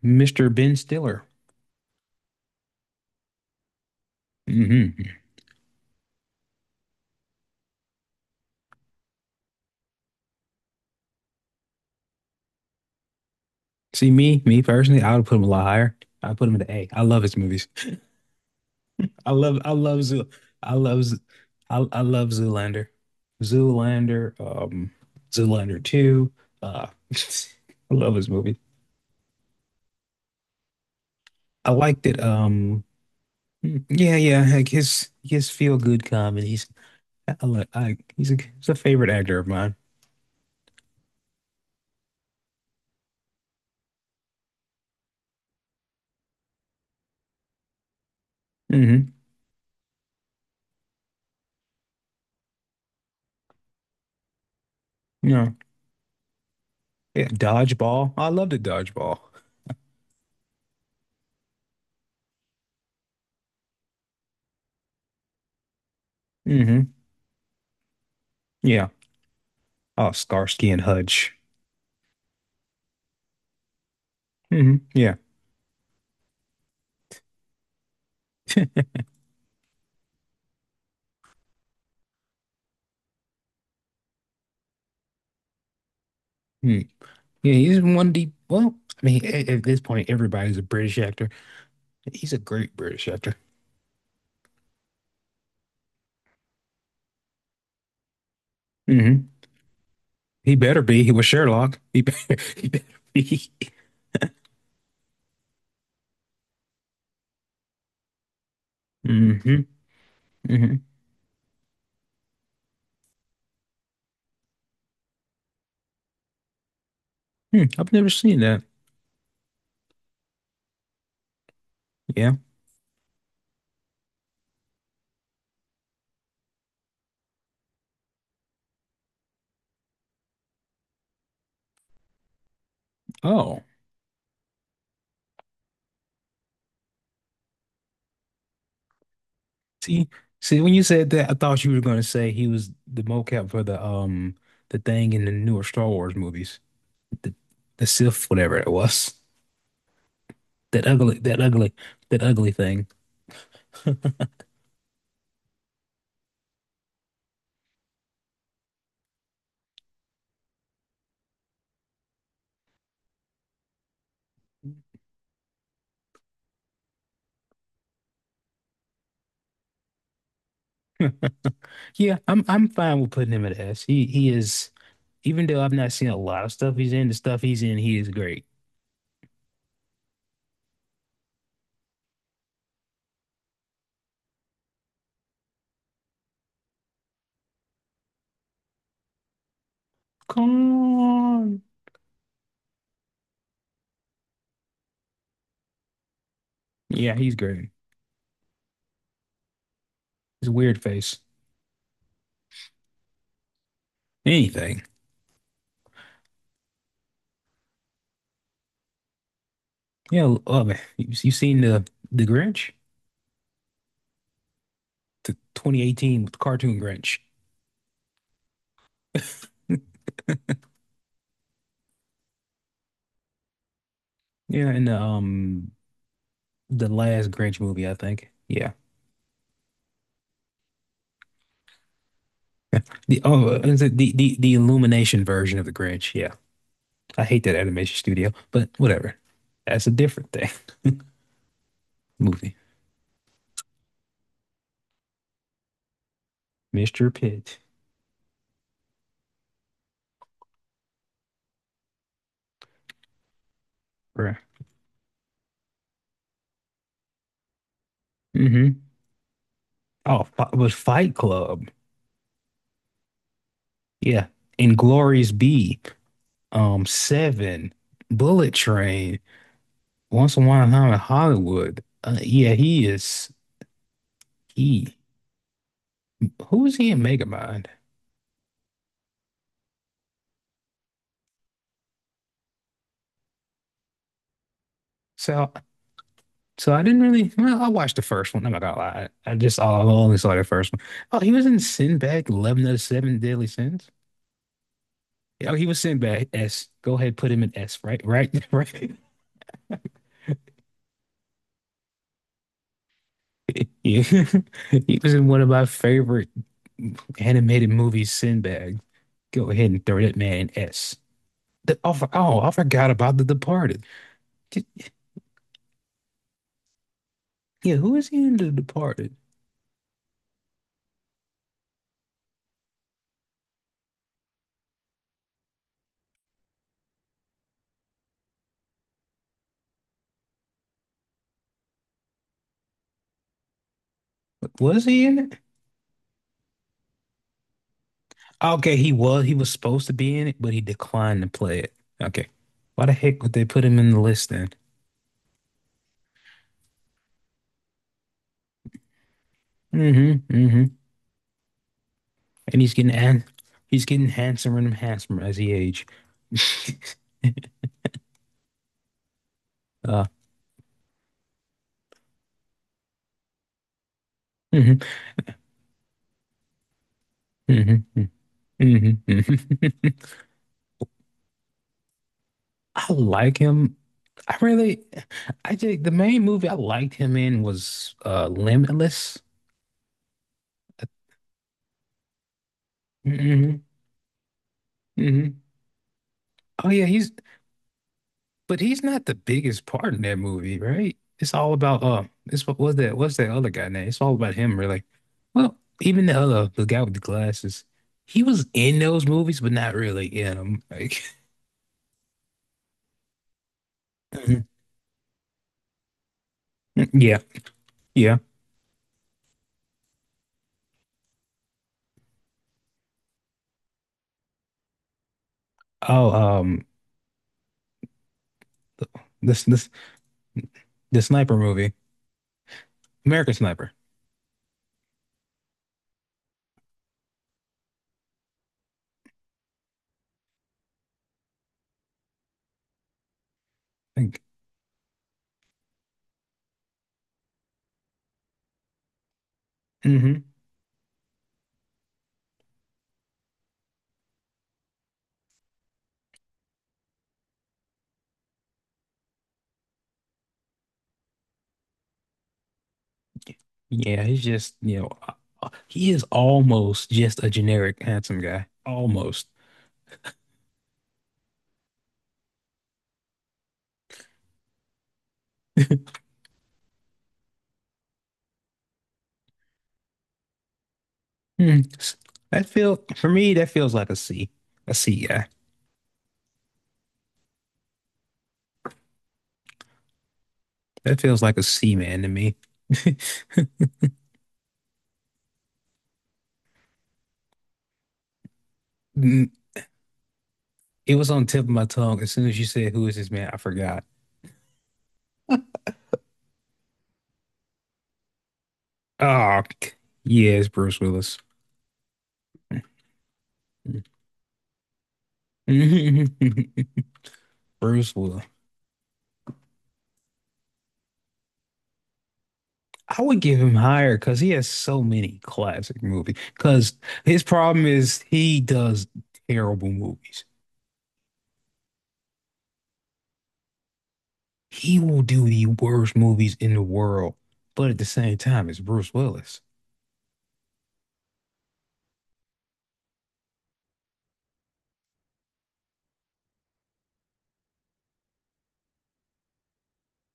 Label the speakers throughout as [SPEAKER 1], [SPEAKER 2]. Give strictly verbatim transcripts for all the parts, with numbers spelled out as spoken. [SPEAKER 1] Mister Ben Stiller. Hmm. See me, me personally, I would put him a lot higher. I put him in the A. I love his movies. I love, I love Zoo. I love, Z- I, I love Zoolander. Zoolander. Um, Zoolander Two. Uh, I love his movie. I liked it. Um, yeah, yeah. Like his his feel good comedies. I, I, li- I he's a he's a favorite actor of mine. Mm hmm. Yeah. Yeah. Dodgeball. I loved the Dodgeball. Mm hmm. Yeah. Oh, Starsky and Hutch. Hmm. Yeah. Mm. Yeah, he's in one deep. Well, I mean, at, at this point, everybody's a British actor. He's a great British actor. Hmm. He better be. He was Sherlock. He better, he better be. Hmm hmm. Hmm. I've never seen that. Yeah. Oh. See, see, when you said that, I thought you were going to say he was the mocap for the um the thing in the newer Star Wars movies, the the Sith, whatever it was. That ugly, that ugly, that ugly thing. Yeah, I'm I'm fine with putting him at S. He he is. Even though I've not seen a lot of stuff he's in, the stuff he's in, he is great. Come on. Yeah, he's great. His weird face. Anything. Yeah, love it. You, you seen the the Grinch? The twenty eighteen cartoon Grinch. Yeah, and the um the last Grinch movie, I think. Yeah. The oh uh, is it the, the the Illumination version of the Grinch. Yeah. I hate that animation studio, but whatever. That's a different thing. Movie. Mister Pitt. Bruh. Mm-hmm. Oh, fi- was Fight Club. Yeah. Inglorious B, um, Seven, Bullet Train, Once Upon a Time in Hollywood. Uh, yeah, he is he. Who is he in Megamind? So, so I didn't really. Well, I watched the first one. I'm not gonna lie. I just I only saw the first one. Oh, he was in Sinbad, Eleven of the Seven Deadly Sins. Oh, he was Sinbad S. Go ahead, put him in S. Right, right, right. Yeah, he was in one of my favorite animated movies, Sinbad. Go ahead and throw that man in S. The, oh, oh, I forgot about The Departed. Did- yeah, who is he in The Departed? Was he in it? Okay, he was. He was supposed to be in it, but he declined to play it. Okay. Why the heck would they put him in the list then? Mm-hmm. Mm-hmm. And he's getting han he's getting handsomer and handsomer as he age. uh, hmm hmm hmm hmm I like him. I really, I think the main movie I liked him in was uh Limitless. Mm-hmm. Mm-hmm. Oh yeah, he's but he's not the biggest part in that movie, right? It's all about uh, it's what was that? What's that other guy name? It's all about him, really. Well, even the other the guy with the glasses, he was in those movies, but not really in them. Like, mhm. Yeah, yeah. Oh, um, this this the sniper movie, American Sniper. I think. Hmm. Yeah, he's just you know, uh, uh, he is almost just a generic handsome guy, almost. Hmm. That feel for me, that feels like a C. A C, yeah. That feels like a C man to me. Mm, it was on the tip of my tongue. As soon as you said who is this man, I forgot. Oh, yeah, it's Bruce Willis. Bruce Willis. I would give him higher because he has so many classic movies. Because his problem is he does terrible movies. He will do the worst movies in the world, but at the same time, it's Bruce Willis.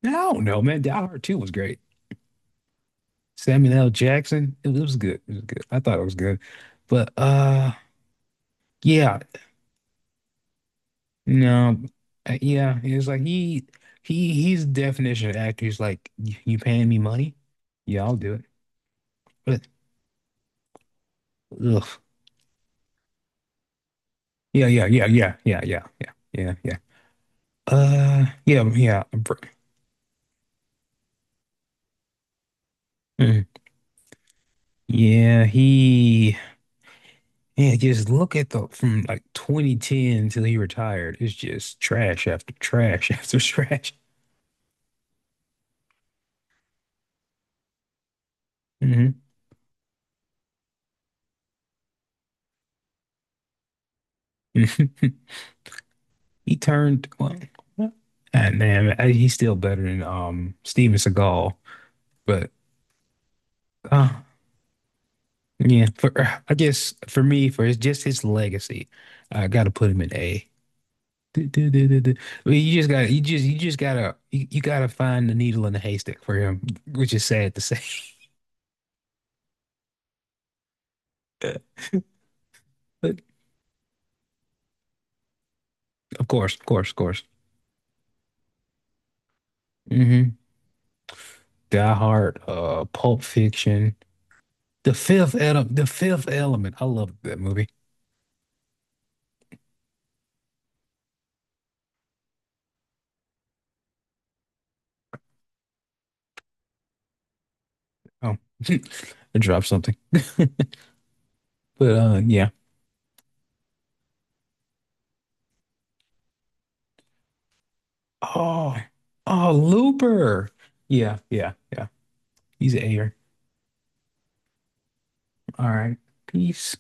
[SPEAKER 1] I don't know, man. Die Hard two was great. Samuel L. Jackson, it, was it was good. It was good. I thought it was good. But uh yeah, no, uh, yeah, it's like he he he's the definition of actor. He's like, "Y- you paying me money? Yeah, I'll do it." But ugh. Yeah, yeah, yeah, yeah, yeah, yeah, yeah, yeah, yeah. Uh yeah, yeah. br- mm. Yeah, he yeah, just look at the from like twenty ten till he retired. It's just trash after trash after trash. Mm-hmm. He turned well, and man, I- he's still better than um Steven Seagal. But uh, yeah, for I guess for me, for his, just his legacy, I gotta put him in A. Du- du- du- du- du. I mean, you just gotta, you just, you just gotta, you, you gotta find the needle in the haystack for him, which is sad to say. But of course, of course, of course. Hmm. Die Hard, uh, Pulp Fiction, The Fifth Element, The Fifth Element. I love that movie. Oh, I dropped something. But uh, yeah. Oh, oh, Looper. Yeah, yeah, yeah. He's a air. All right. Peace.